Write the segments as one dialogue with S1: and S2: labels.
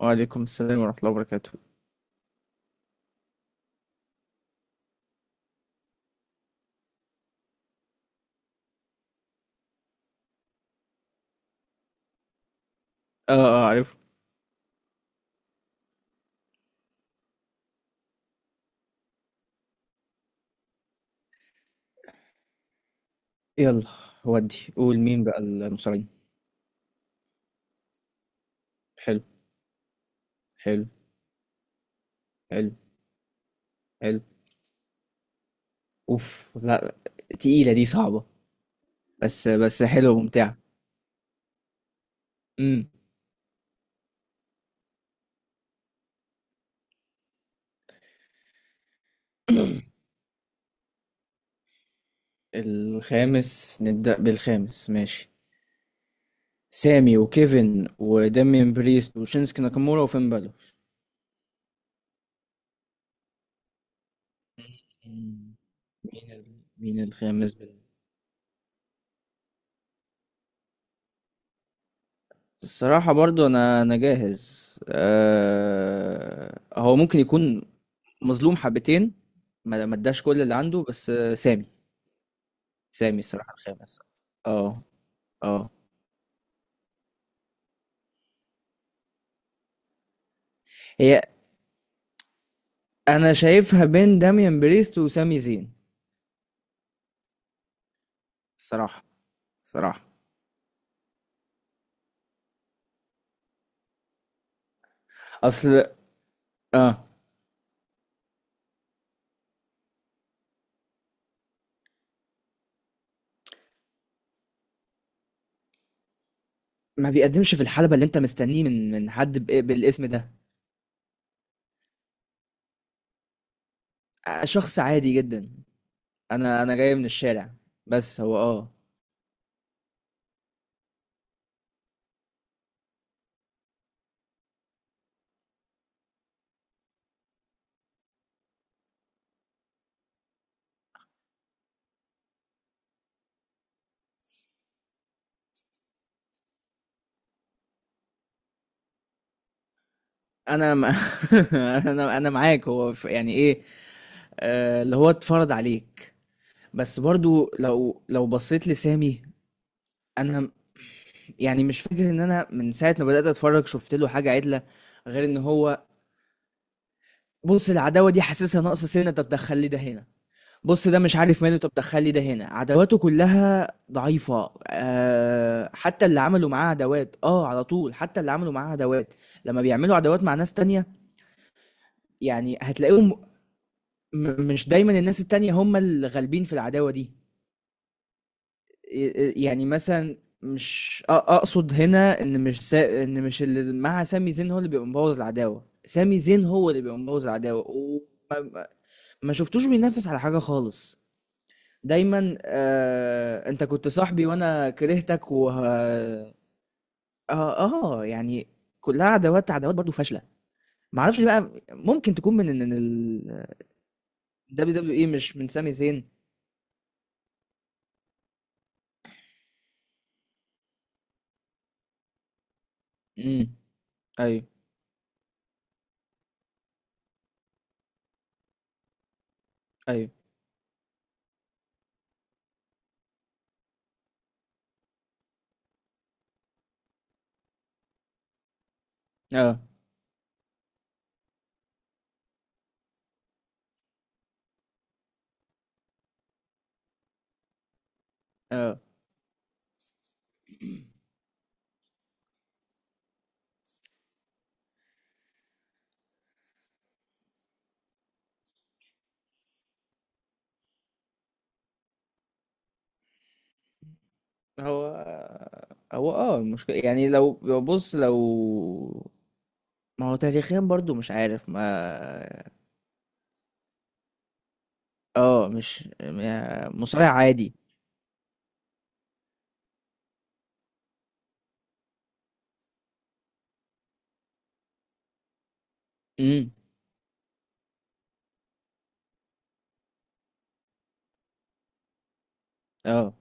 S1: وعليكم السلام ورحمة الله وبركاته. اه اه، عارف. يلا. ودي قول مين بقى المصريين. حلو. حلو. حلو. حلو. اوف لا. تقيلة دي صعبة. بس حلوة وممتعة. امم. الخامس، نبدأ بالخامس، ماشي. سامي وكيفن ودامين بريست وشينسكي ناكامورا وفين بالور. مم. مين ال... مين الخامس بال... الصراحة برضو أنا جاهز، هو ممكن يكون مظلوم حبتين. ما اداش كل اللي عنده، بس سامي. سامي الصراحة الخامس. اه اه. هي. انا شايفها بين داميان بريست وسامي زين. الصراحة. الصراحة. اصل. اه. ما بيقدمش في الحلبة اللي انت مستنيه من حد بالاسم ده. شخص عادي جدا. انا جاي من الشارع، بس هو اه انا م... انا معاك، هو يعني ايه. اللي هو اتفرض عليك. بس برضو لو بصيت لسامي، أنا م- يعني مش فاكر إن أنا من ساعة ما بدأت أتفرّج شُفت له حاجة عِدلة، غير إن هو، بُص، العداوة دي حاسسها ناقصة سِنّة، طَب دخّل لي ده هنا، بُص ده مش عارف ماله، طَب دخّل لي ده هنا، عداواته كلّها ضعيفة. حتى اللي عملوا معاه عداوات، على طول، حتى اللي عملوا معاه عداوات، لمّا بيعملوا عداوات مع ناس تانية يعني هتلاقيهم، مش دايمًا الناس التانية هم اللي غالبين في العداوة دي. يعني مثلا، مش أ- اقصد هنا ان مش ان مش اللي مع سامي زين هو اللي بيبقى مبوظ العداوه، سامي زين هو اللي بيبقى مبوظ العداوه، وما ما شفتوش بينافس على حاجه خالص. دايما انت كنت صاحبي وانا كرهتك و اه يعني كلها عداوات عداوات برضو فاشله. ما اعرفش بقى، ممكن تكون من ان ال دبليو دبليو اي، مش من سامي زين. امم. ايوه ايوه. اه اه. هو هو المشكلة، يعني لو بص، لو ما هو تاريخيا برضو مش عارف ما. اه، مش مصارع عادي. امم. اه.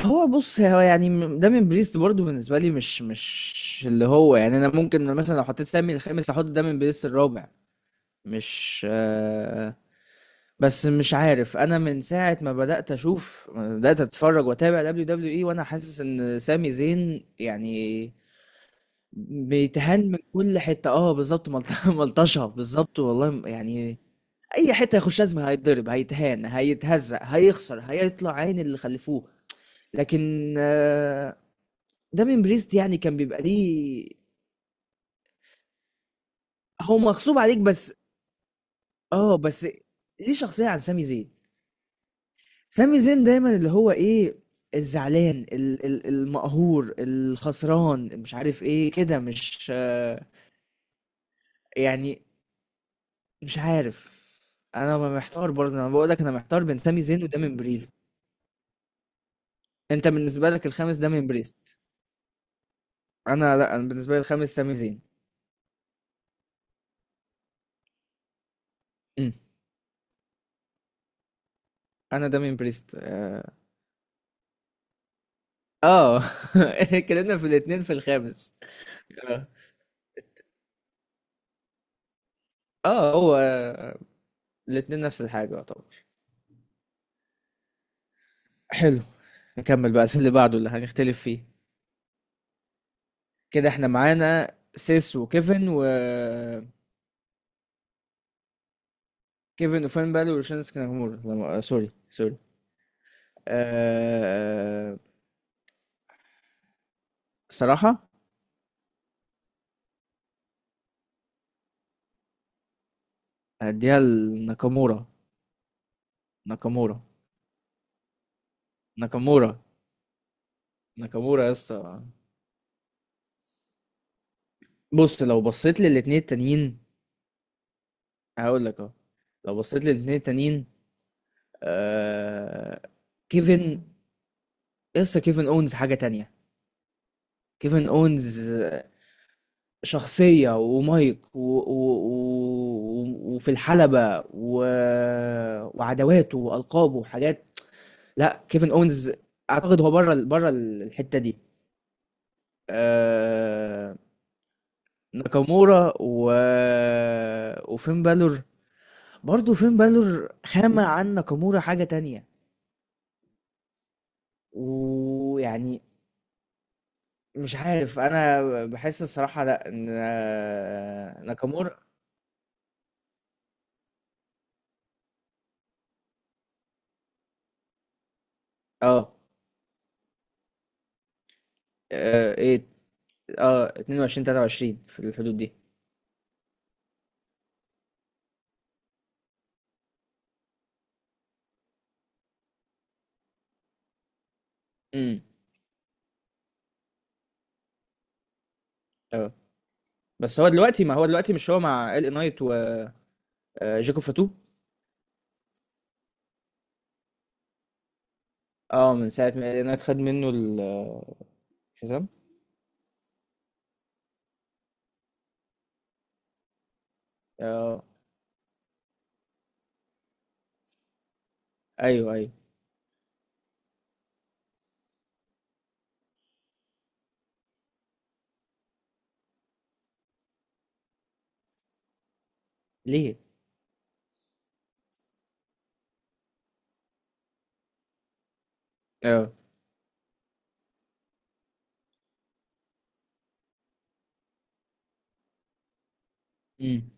S1: هو بص، هو يعني دامين بريست برضو بالنسبة لي مش، اللي هو يعني، انا ممكن مثلا لو حطيت سامي الخامس احط دامين بريست الرابع. مش. بس مش عارف، انا من ساعة ما بدأت اتفرج واتابع دبليو دبليو اي وانا حاسس ان سامي زين يعني بيتهان من كل حتة. اه بالظبط. ملطشة بالظبط، والله يعني اي حتة يخش لازم هيتضرب، هيتهان، هيتهزق، هيخسر، هيطلع عين اللي خلفوه. لكن دامين بريست يعني كان بيبقى ليه. هو مغصوب عليك بس. اه، بس ليه شخصية عن سامي زين. سامي زين دايما اللي هو ايه، الزعلان، المقهور، الخسران، مش عارف ايه كده، مش. يعني مش عارف، انا محتار برضه، انا بقول لك انا محتار بين سامي زين ودامين بريست. انت بالنسبه لك الخامس دامين بريست. انا لا، انا بالنسبه لي الخامس سامي زين. أمم. انا دامين بريست اه آه. اتكلمنا في الاثنين في الخامس. اه. هو الاثنين نفس الحاجه يعتبر. حلو. نكمل بقى في اللي بعده اللي هنختلف فيه. كده احنا معانا سيس وكيفن و كيفن وفين بالي وشينسكي ناكامورا. لا، سوري سوري. أه... صراحة هديها لناكامورا. ناكامورا. ناكامورا. ناكامورا يا اسطى. بص، لو بصيت للاتنين التانيين هقول لك اهو. لو بصيت للاتنين التانيين، آه... كيفن، لسه كيفن اونز حاجة تانية. كيفن اونز، شخصية ومايك وفي الحلبة وعداواته وألقابه وحاجات. لا كيفن اونز اعتقد هو بره الحتة دي. آه، ناكامورا وفين بالور. برضه فين بالور خامة عن ناكامورا حاجة تانية. ويعني مش عارف انا، بحس الصراحة لا ان ناكامورا. اه. ايه. اه، 22 23 في الحدود دي. امم. اه، بس هو دلوقتي، ما هو دلوقتي مش هو مع ال نايت وجاكوب فاتو. اه، من ساعة ما ال نايت خد منه الحزام. اه. ايوه ايوه. ليه. اه. امم.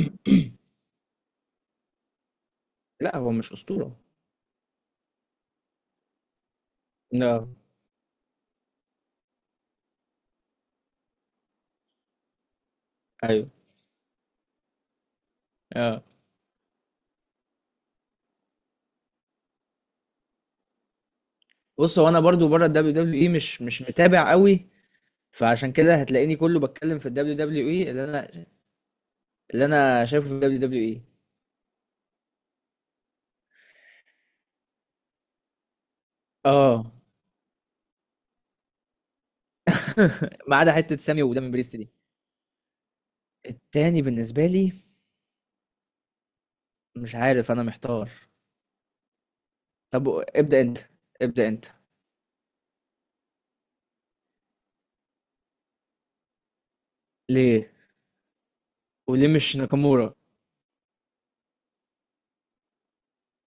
S1: لا هو مش اسطوره. لا. ايوه. آه. بص هو، انا برضو بره الدبليو دبليو اي مش، متابع قوي. فعشان كده هتلاقيني كله بتكلم في الدبليو دبليو اي، اللي انا شايفه في الدبليو دبليو اي. اه. ما عدا حته سامي ودامي بريست دي. التاني بالنسبه لي مش عارف، انا محتار. طب. ابدا انت. ابدا انت. ليه. وليه مش ناكامورا.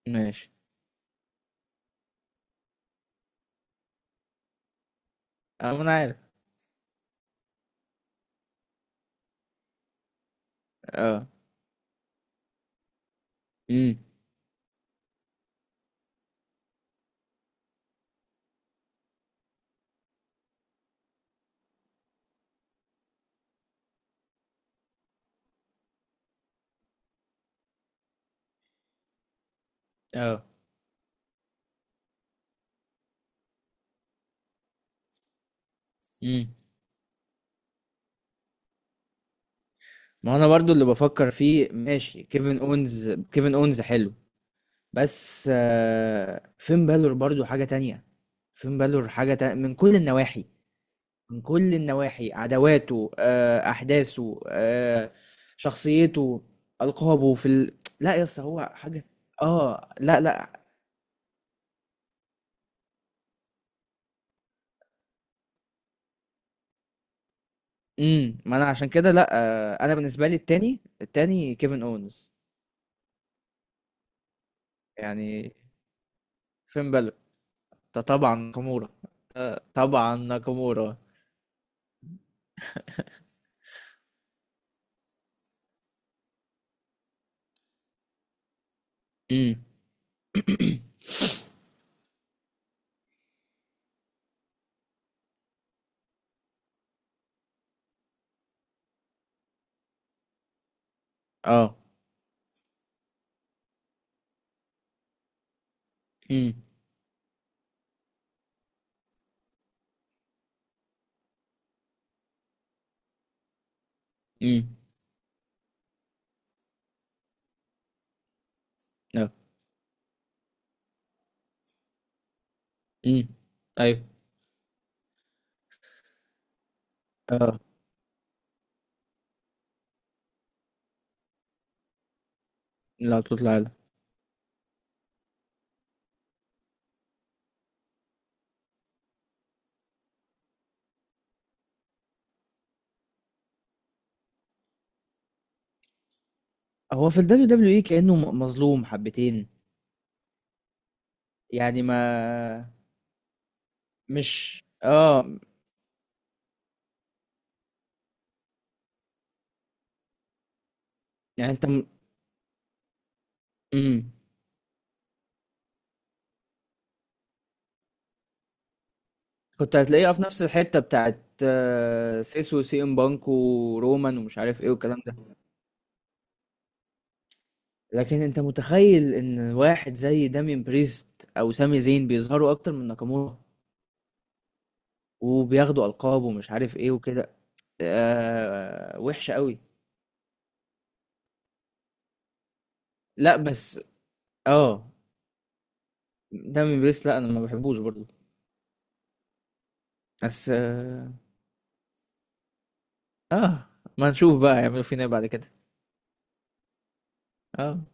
S1: ماشي. اه، ما انا عارف. اه. امم. اه. امم. ما انا برضو اللي بفكر فيه، ماشي، كيفن اونز، كيفن اونز حلو. بس فين بالور برضو حاجة تانية. فين بالور حاجة تانية من كل النواحي. من كل النواحي، عداواته، أحداثه، شخصيته، ألقابه في ال... لا يا اسطى هو حاجة. اه. لا لا. امم. ما انا عشان كده لا. انا بالنسبة لي التاني، التاني كيفن اونز. يعني فين بالور. ده طبعا ناكامورا. ده طبعا ناكامورا. امم. اه. امم. امم. اه. امم. ايوه. آه. لا تطلع لا. هو في ال WWE اي كأنه مظلوم حبتين. يعني ما، مش يعني، انت مم. كنت هتلاقيها في نفس الحتة بتاعت سيس وسي ام بانك ورومان ومش عارف ايه والكلام ده. لكن انت متخيل ان واحد زي دامين بريست او سامي زين بيظهروا اكتر من ناكامورا وبياخدوا القاب ومش عارف ايه وكده. آه، وحشة قوي. لا بس. اه. دامين بريست لا، انا ما بحبوش برضو. بس. اه. ما نشوف بقى يعملوا فينا ايه بعد كده. اه.